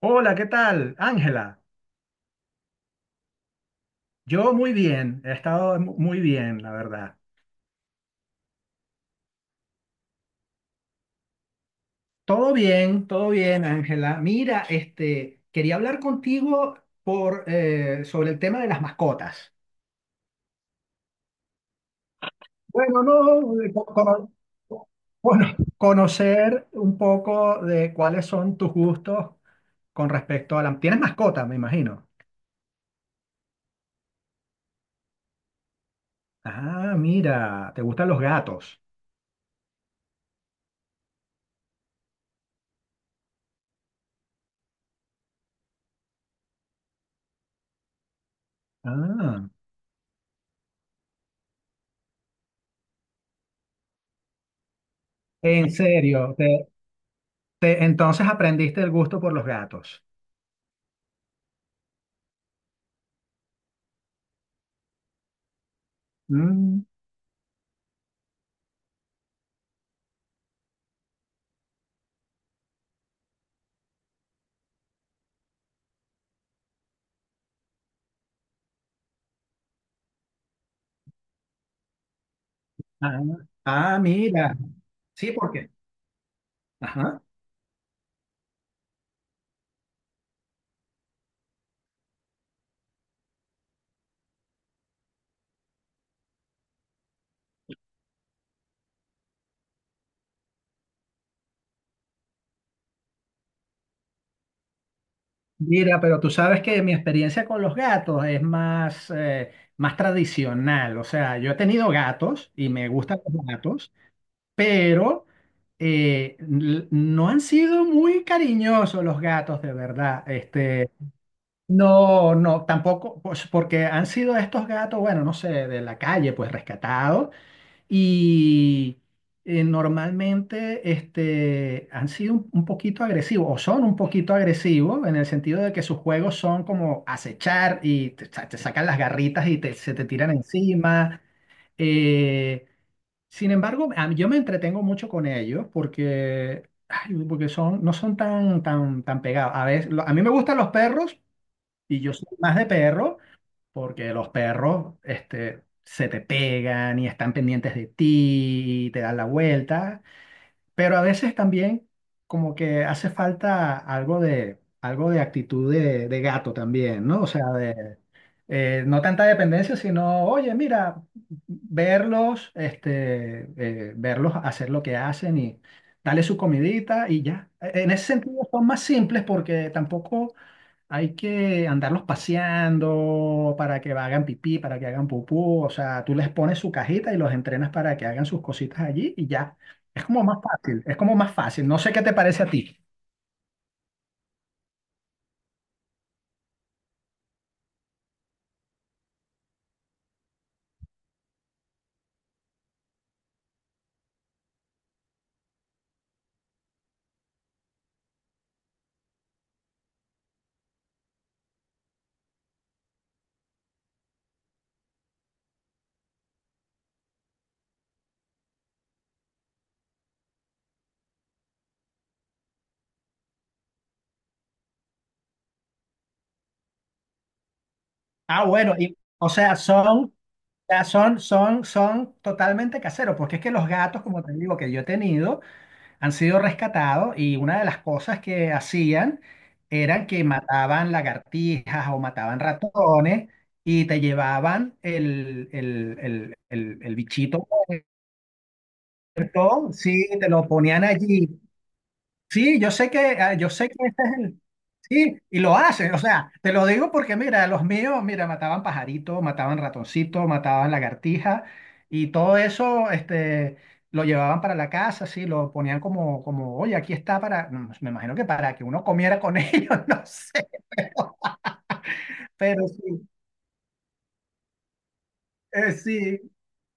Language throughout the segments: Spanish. Hola, ¿qué tal? Ángela, yo muy bien, he estado muy bien, la verdad. Todo bien, Ángela. Mira, quería hablar contigo sobre el tema de las mascotas. Bueno, no, bueno, conocer un poco de cuáles son tus gustos con respecto a la... ¿Tienes mascota, me imagino? Ah, mira, ¿te gustan los gatos? Ah, en serio, entonces aprendiste el gusto por los gatos. Mm, ah, ah, mira. Sí, porque. Ajá. Mira, pero tú sabes que mi experiencia con los gatos es más, más tradicional. O sea, yo he tenido gatos y me gustan los gatos, pero no han sido muy cariñosos los gatos, de verdad. No, no, tampoco, pues, porque han sido estos gatos, bueno, no sé, de la calle, pues rescatados. Y normalmente han sido un poquito agresivos o son un poquito agresivos en el sentido de que sus juegos son como acechar y te sacan las garritas y se te tiran encima. Eh, sin embargo, yo me entretengo mucho con ellos porque, ay, porque son, no son tan, tan, tan pegados. A veces, a mí me gustan los perros y yo soy más de perro porque los perros se te pegan y están pendientes de ti y te dan la vuelta, pero a veces también como que hace falta algo de actitud de gato también, ¿no? O sea, de, no tanta dependencia, sino, oye, mira, verlos, verlos hacer lo que hacen y... Dale su comidita y ya. En ese sentido son más simples porque tampoco hay que andarlos paseando para que hagan pipí, para que hagan pupú. O sea, tú les pones su cajita y los entrenas para que hagan sus cositas allí y ya. Es como más fácil, es como más fácil. No sé qué te parece a ti. Ah, bueno, y, o sea, son, son, son totalmente caseros, porque es que los gatos, como te digo, que yo he tenido, han sido rescatados y una de las cosas que hacían eran que mataban lagartijas o mataban ratones y te llevaban el bichito muerto, sí, te lo ponían allí. Sí, yo sé que, ah, yo sé que ese es el. Sí, y lo hacen, o sea, te lo digo porque mira, los míos, mira, mataban pajarito, mataban ratoncito, mataban lagartija y todo eso, lo llevaban para la casa, sí, lo ponían como, como, oye, aquí está para, mm, me imagino que para que uno comiera con ellos, no sé, pero sí, sí,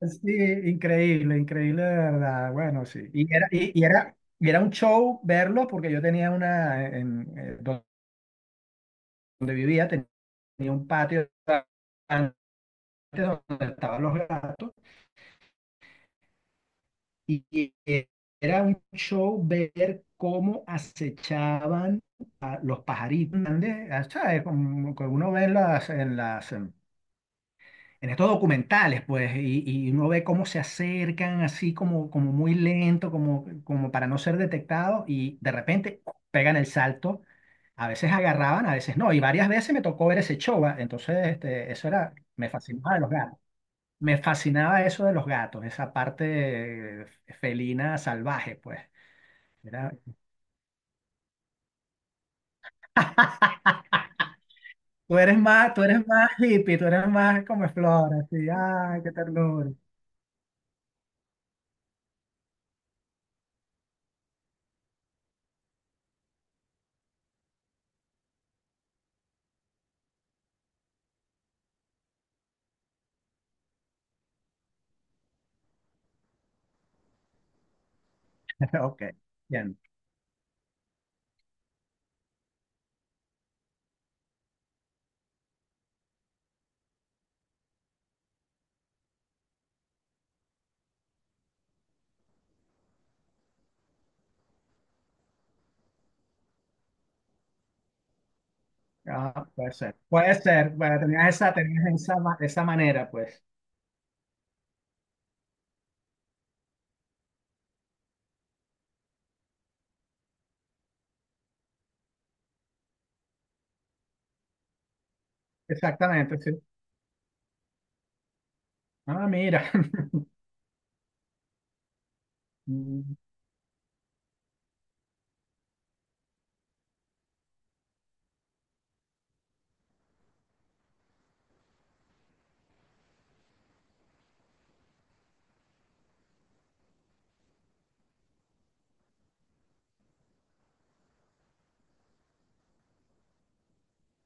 sí, increíble, increíble de verdad, bueno, sí, y era un show verlo porque yo tenía una, donde vivía, tenía un patio donde estaban los gatos y, era un show ver cómo acechaban a los pajaritos grandes, ¿sabes? Como que uno ve en las, en estos documentales, pues, y uno ve cómo se acercan así como, como muy lento, como, como para no ser detectados y de repente ¡cu! Pegan el salto. A veces agarraban, a veces no, y varias veces me tocó ver ese show, ¿va? Entonces eso era, me fascinaba de los gatos. Me fascinaba eso de los gatos, esa parte felina salvaje, pues. Era- tú eres más, tú eres más hippie, tú eres más como flor, así, ay, qué ternura. Ok, bien. Ah, puede ser, puede ser. Bueno, tenías esa, esa manera, pues. Exactamente, sí. Ah, mira. Mm,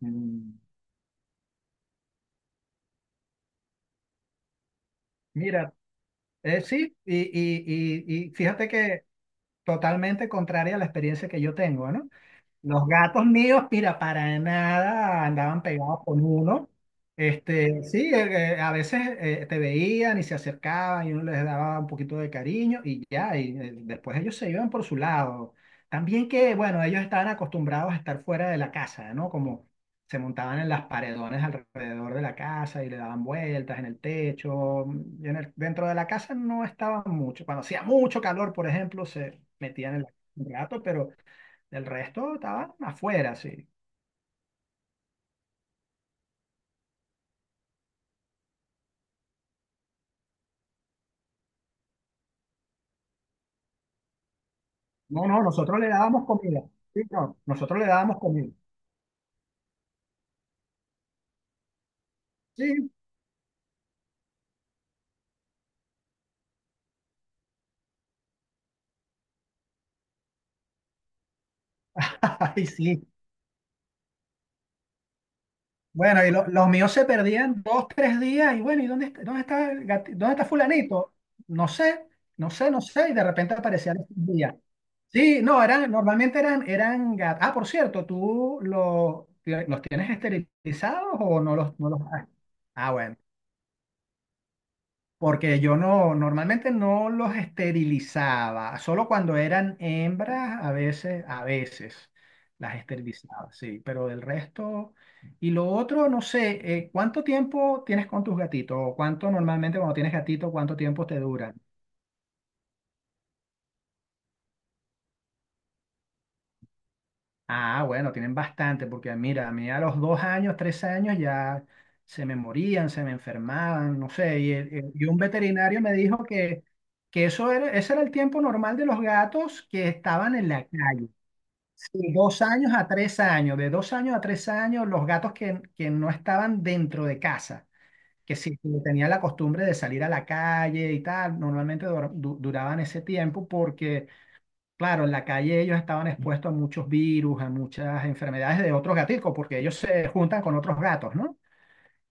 mm. Mira, sí, y fíjate que totalmente contraria a la experiencia que yo tengo, no. Los gatos míos, mira, para nada andaban pegados con uno. Sí, a veces te veían y se acercaban y uno les daba un poquito de cariño y ya, y después ellos se iban por su lado. También que, bueno, ellos estaban acostumbrados a estar fuera de la casa, ¿no? Como se montaban en las paredones alrededor de la casa y le daban vueltas en el techo. Y en dentro de la casa no estaban mucho. Cuando hacía mucho calor, por ejemplo, se metían en la un rato, pero... Del resto estaban afuera, sí. No, no, nosotros le dábamos comida. Sí, no, nosotros le dábamos comida. Sí, ay, sí. Bueno, y los míos se perdían dos, tres días, y bueno, ¿y dónde, dónde está dónde está fulanito? No sé, no sé, no sé, y de repente aparecían estos días. Sí, no, eran, normalmente eran, ah, por cierto, ¿tú los tienes esterilizados o no los, no los has? Ah, bueno. Porque yo no, normalmente no los esterilizaba, solo cuando eran hembras, a veces las esterilizaba, sí, pero del resto. Y lo otro, no sé, ¿cuánto tiempo tienes con tus gatitos? ¿O cuánto normalmente cuando tienes gatito, cuánto tiempo te duran? Ah, bueno, tienen bastante, porque mira, a mí a los dos años, tres años ya se me morían, se me enfermaban, no sé, y, y un veterinario me dijo que eso era, ese era el tiempo normal de los gatos que estaban en la calle. De sí. Dos años a tres años, de dos años a tres años, los gatos que no estaban dentro de casa, que sí que tenían la costumbre de salir a la calle y tal, normalmente duraban ese tiempo porque claro, en la calle ellos estaban expuestos a muchos virus, a muchas enfermedades de otros gaticos, porque ellos se juntan con otros gatos, ¿no?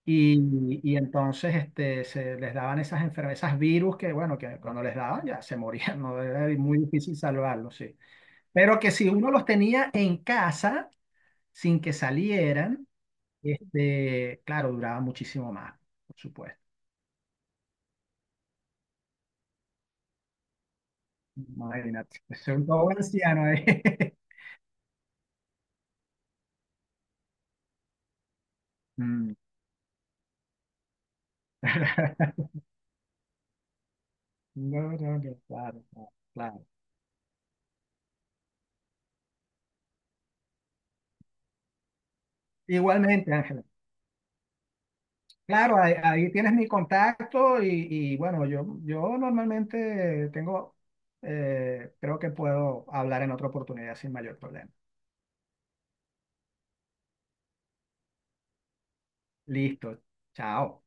Y, y entonces se les daban esas enfermedades, esas virus que, bueno, que cuando les daban ya se morían, ¿no? Era muy difícil salvarlos, sí. Pero que si uno los tenía en casa sin que salieran, claro, duraba muchísimo más, por supuesto. Imagínate, soy un pobre anciano ahí. Mm. No, no, que claro, claro. Claro. Igualmente, Ángela. Claro, ahí, ahí tienes mi contacto y, bueno, yo normalmente tengo, creo que puedo hablar en otra oportunidad sin mayor problema. Listo, chao.